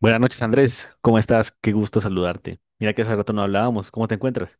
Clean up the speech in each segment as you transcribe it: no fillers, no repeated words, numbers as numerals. Buenas noches, Andrés. ¿Cómo estás? Qué gusto saludarte. Mira que hace rato no hablábamos. ¿Cómo te encuentras?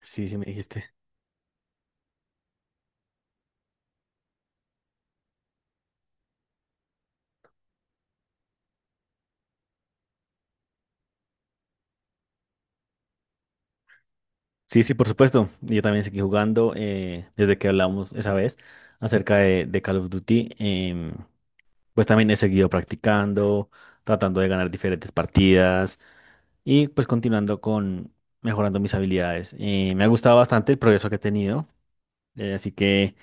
Sí, sí, me dijiste. Sí, sí, por supuesto. Yo también seguí jugando desde que hablamos esa vez acerca de Call of Duty. Pues también he seguido practicando, tratando de ganar diferentes partidas y pues continuando con mejorando mis habilidades. Me ha gustado bastante el progreso que he tenido. Así que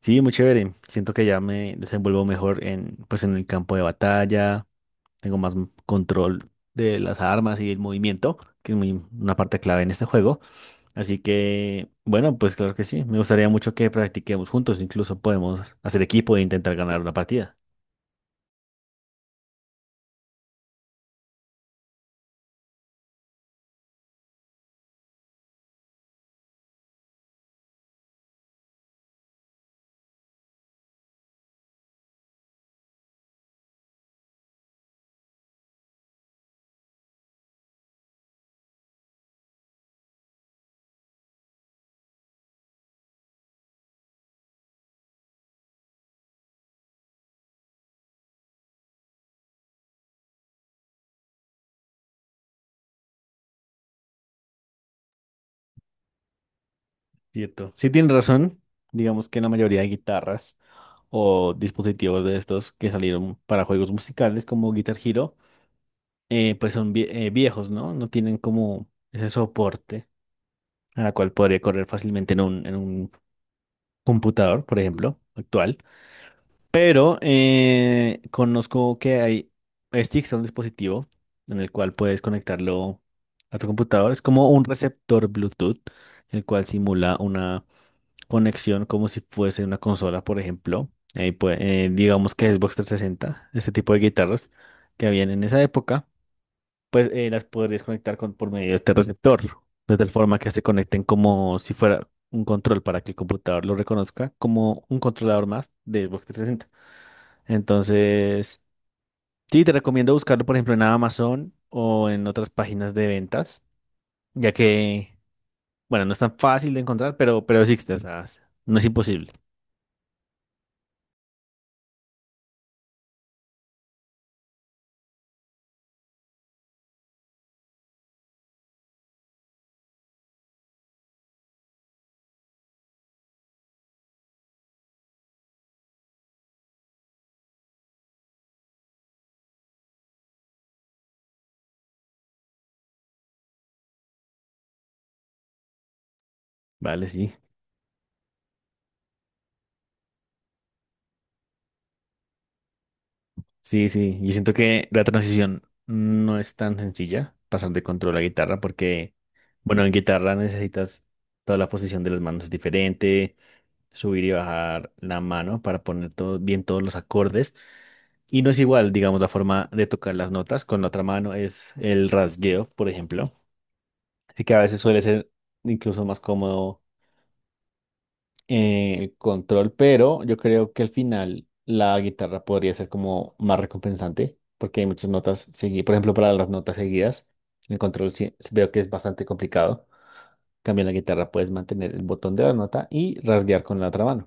sí, muy chévere. Siento que ya me desenvuelvo mejor en, pues, en el campo de batalla, tengo más control de las armas y el movimiento, que es muy, una parte clave en este juego. Así que, bueno, pues claro que sí, me gustaría mucho que practiquemos juntos, incluso podemos hacer equipo e intentar ganar una partida. Cierto. Sí, tienes razón, digamos que la mayoría de guitarras o dispositivos de estos que salieron para juegos musicales como Guitar Hero, pues son viejos, ¿no? No tienen como ese soporte a la cual podría correr fácilmente en en un computador, por ejemplo, actual. Pero conozco que hay sticks, un dispositivo en el cual puedes conectarlo a tu computador. Es como un receptor Bluetooth, el cual simula una conexión como si fuese una consola, por ejemplo. Ahí digamos que Xbox trescientos sesenta, este tipo de guitarras que habían en esa época, pues las podrías conectar con, por medio de este receptor, de tal forma que se conecten como si fuera un control para que el computador lo reconozca como un controlador más de Xbox 360. Entonces, sí, te recomiendo buscarlo, por ejemplo, en Amazon o en otras páginas de ventas, ya que, bueno, no es tan fácil de encontrar, pero existe, o sea, no es imposible, ¿vale? Sí, sí, sí. Yo siento que la transición no es tan sencilla, pasar de control a guitarra, porque, bueno, en guitarra necesitas toda la posición de las manos diferente, subir y bajar la mano para poner todo, bien todos los acordes. Y no es igual, digamos, la forma de tocar las notas con la otra mano es el rasgueo, por ejemplo. Así que a veces suele ser incluso más cómodo el control, pero yo creo que al final la guitarra podría ser como más recompensante, porque hay muchas notas seguidas. Por ejemplo, para las notas seguidas, el control veo que es bastante complicado. En cambio, en la guitarra puedes mantener el botón de la nota y rasguear con la otra mano.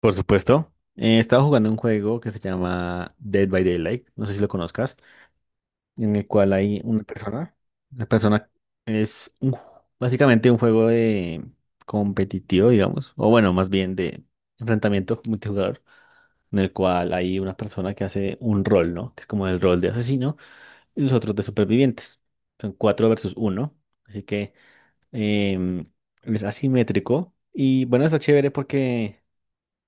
Por supuesto. Estaba jugando un juego que se llama Dead by Daylight, no sé si lo conozcas, en el cual hay una persona. La persona es un básicamente un juego de competitivo, digamos, o bueno, más bien de enfrentamiento multijugador, en el cual hay una persona que hace un rol, ¿no? Que es como el rol de asesino y los otros de supervivientes. Son cuatro versus uno, así que em, es asimétrico y bueno, está chévere porque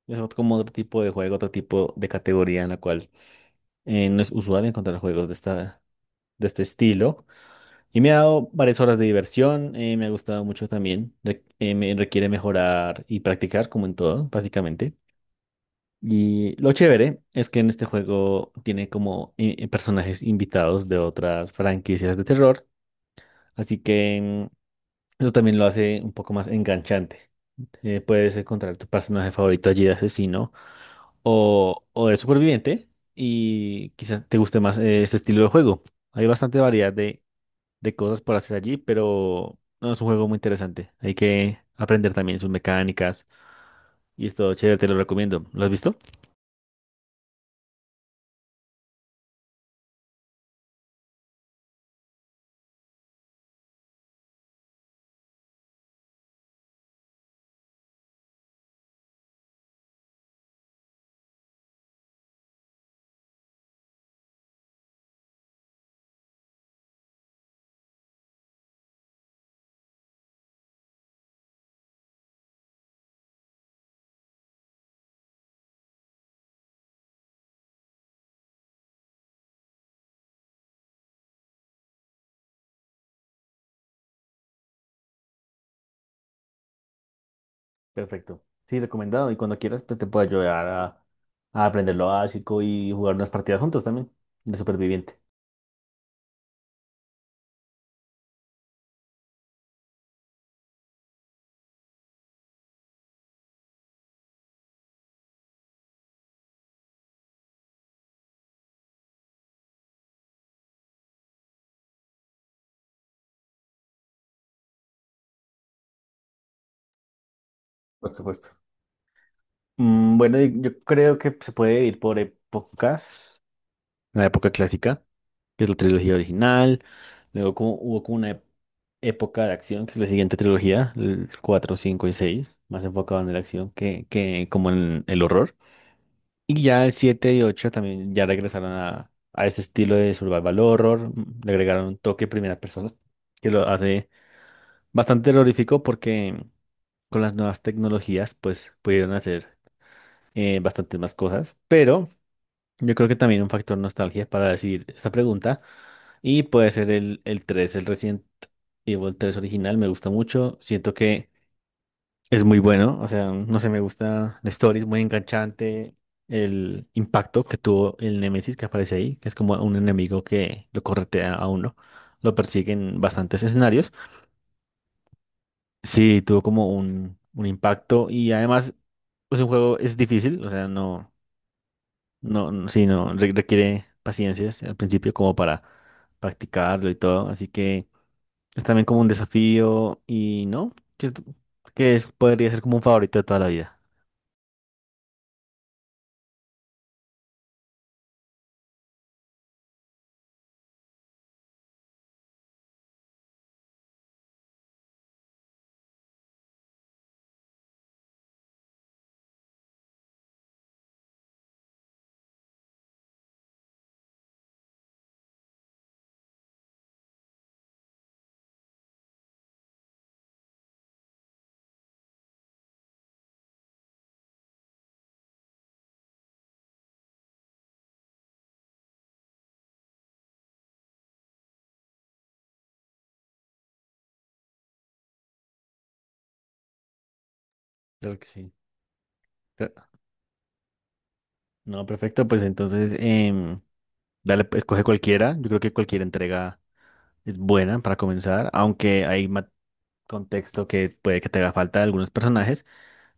es como otro tipo de juego, otro tipo de categoría en la cual no es usual encontrar juegos de esta, de este estilo. Y me ha dado varias horas de diversión. Me ha gustado mucho también. Me requiere mejorar y practicar, como en todo, básicamente. Y lo chévere es que en este juego tiene como personajes invitados de otras franquicias de terror, así que eso también lo hace un poco más enganchante. Puedes encontrar tu personaje favorito allí de asesino o de superviviente y quizá te guste más este estilo de juego. Hay bastante variedad de cosas por hacer allí, pero no es un juego muy interesante. Hay que aprender también sus mecánicas y es todo chévere, te lo recomiendo. ¿Lo has visto? Perfecto. Sí, recomendado. Y cuando quieras, pues te puedo ayudar a aprender lo básico y jugar unas partidas juntos también de superviviente. Por supuesto. Mm, bueno, y yo creo que se puede ir por épocas, la época clásica, que es la trilogía original. Luego como, hubo como una época de acción, que es la siguiente trilogía, el 4, 5 y 6 más enfocado en la acción que como en el horror. Y ya el 7 y 8 también ya regresaron a ese estilo de survival horror. Le agregaron un toque primera persona, que lo hace bastante terrorífico porque con las nuevas tecnologías pues pudieron hacer bastantes más cosas, pero... Yo creo que también un factor nostalgia para decidir esta pregunta. Y puede ser el tres, el Resident Evil 3 original, me gusta mucho. Siento que es muy bueno, o sea, no sé, me gusta la story, es muy enganchante. El impacto que tuvo el Nemesis que aparece ahí, que es como un enemigo que lo corretea a uno, lo persigue en bastantes escenarios. Sí, tuvo como un impacto y además, pues un juego es difícil, o sea, no, no, sí, no, requiere paciencia al principio como para practicarlo y todo, así que. Es también como un desafío y no, ¿cierto? Que podría ser como un favorito de toda la vida. Creo que sí. Pe- No, perfecto, pues entonces dale, pues, escoge cualquiera. Yo creo que cualquier entrega es buena para comenzar, aunque hay contexto que puede que te haga falta de algunos personajes,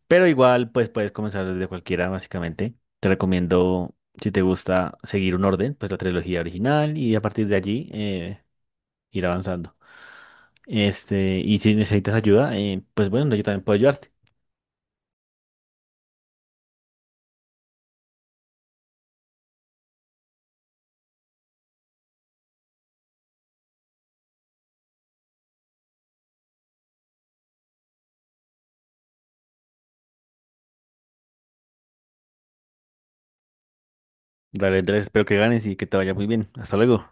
pero igual pues puedes comenzar desde cualquiera básicamente. Te recomiendo, si te gusta, seguir un orden, pues la trilogía original y a partir de allí ir avanzando. Este, y si necesitas ayuda, pues bueno, yo también puedo ayudarte. Dale, Andrés, espero que ganes y que te vaya muy bien. Hasta luego.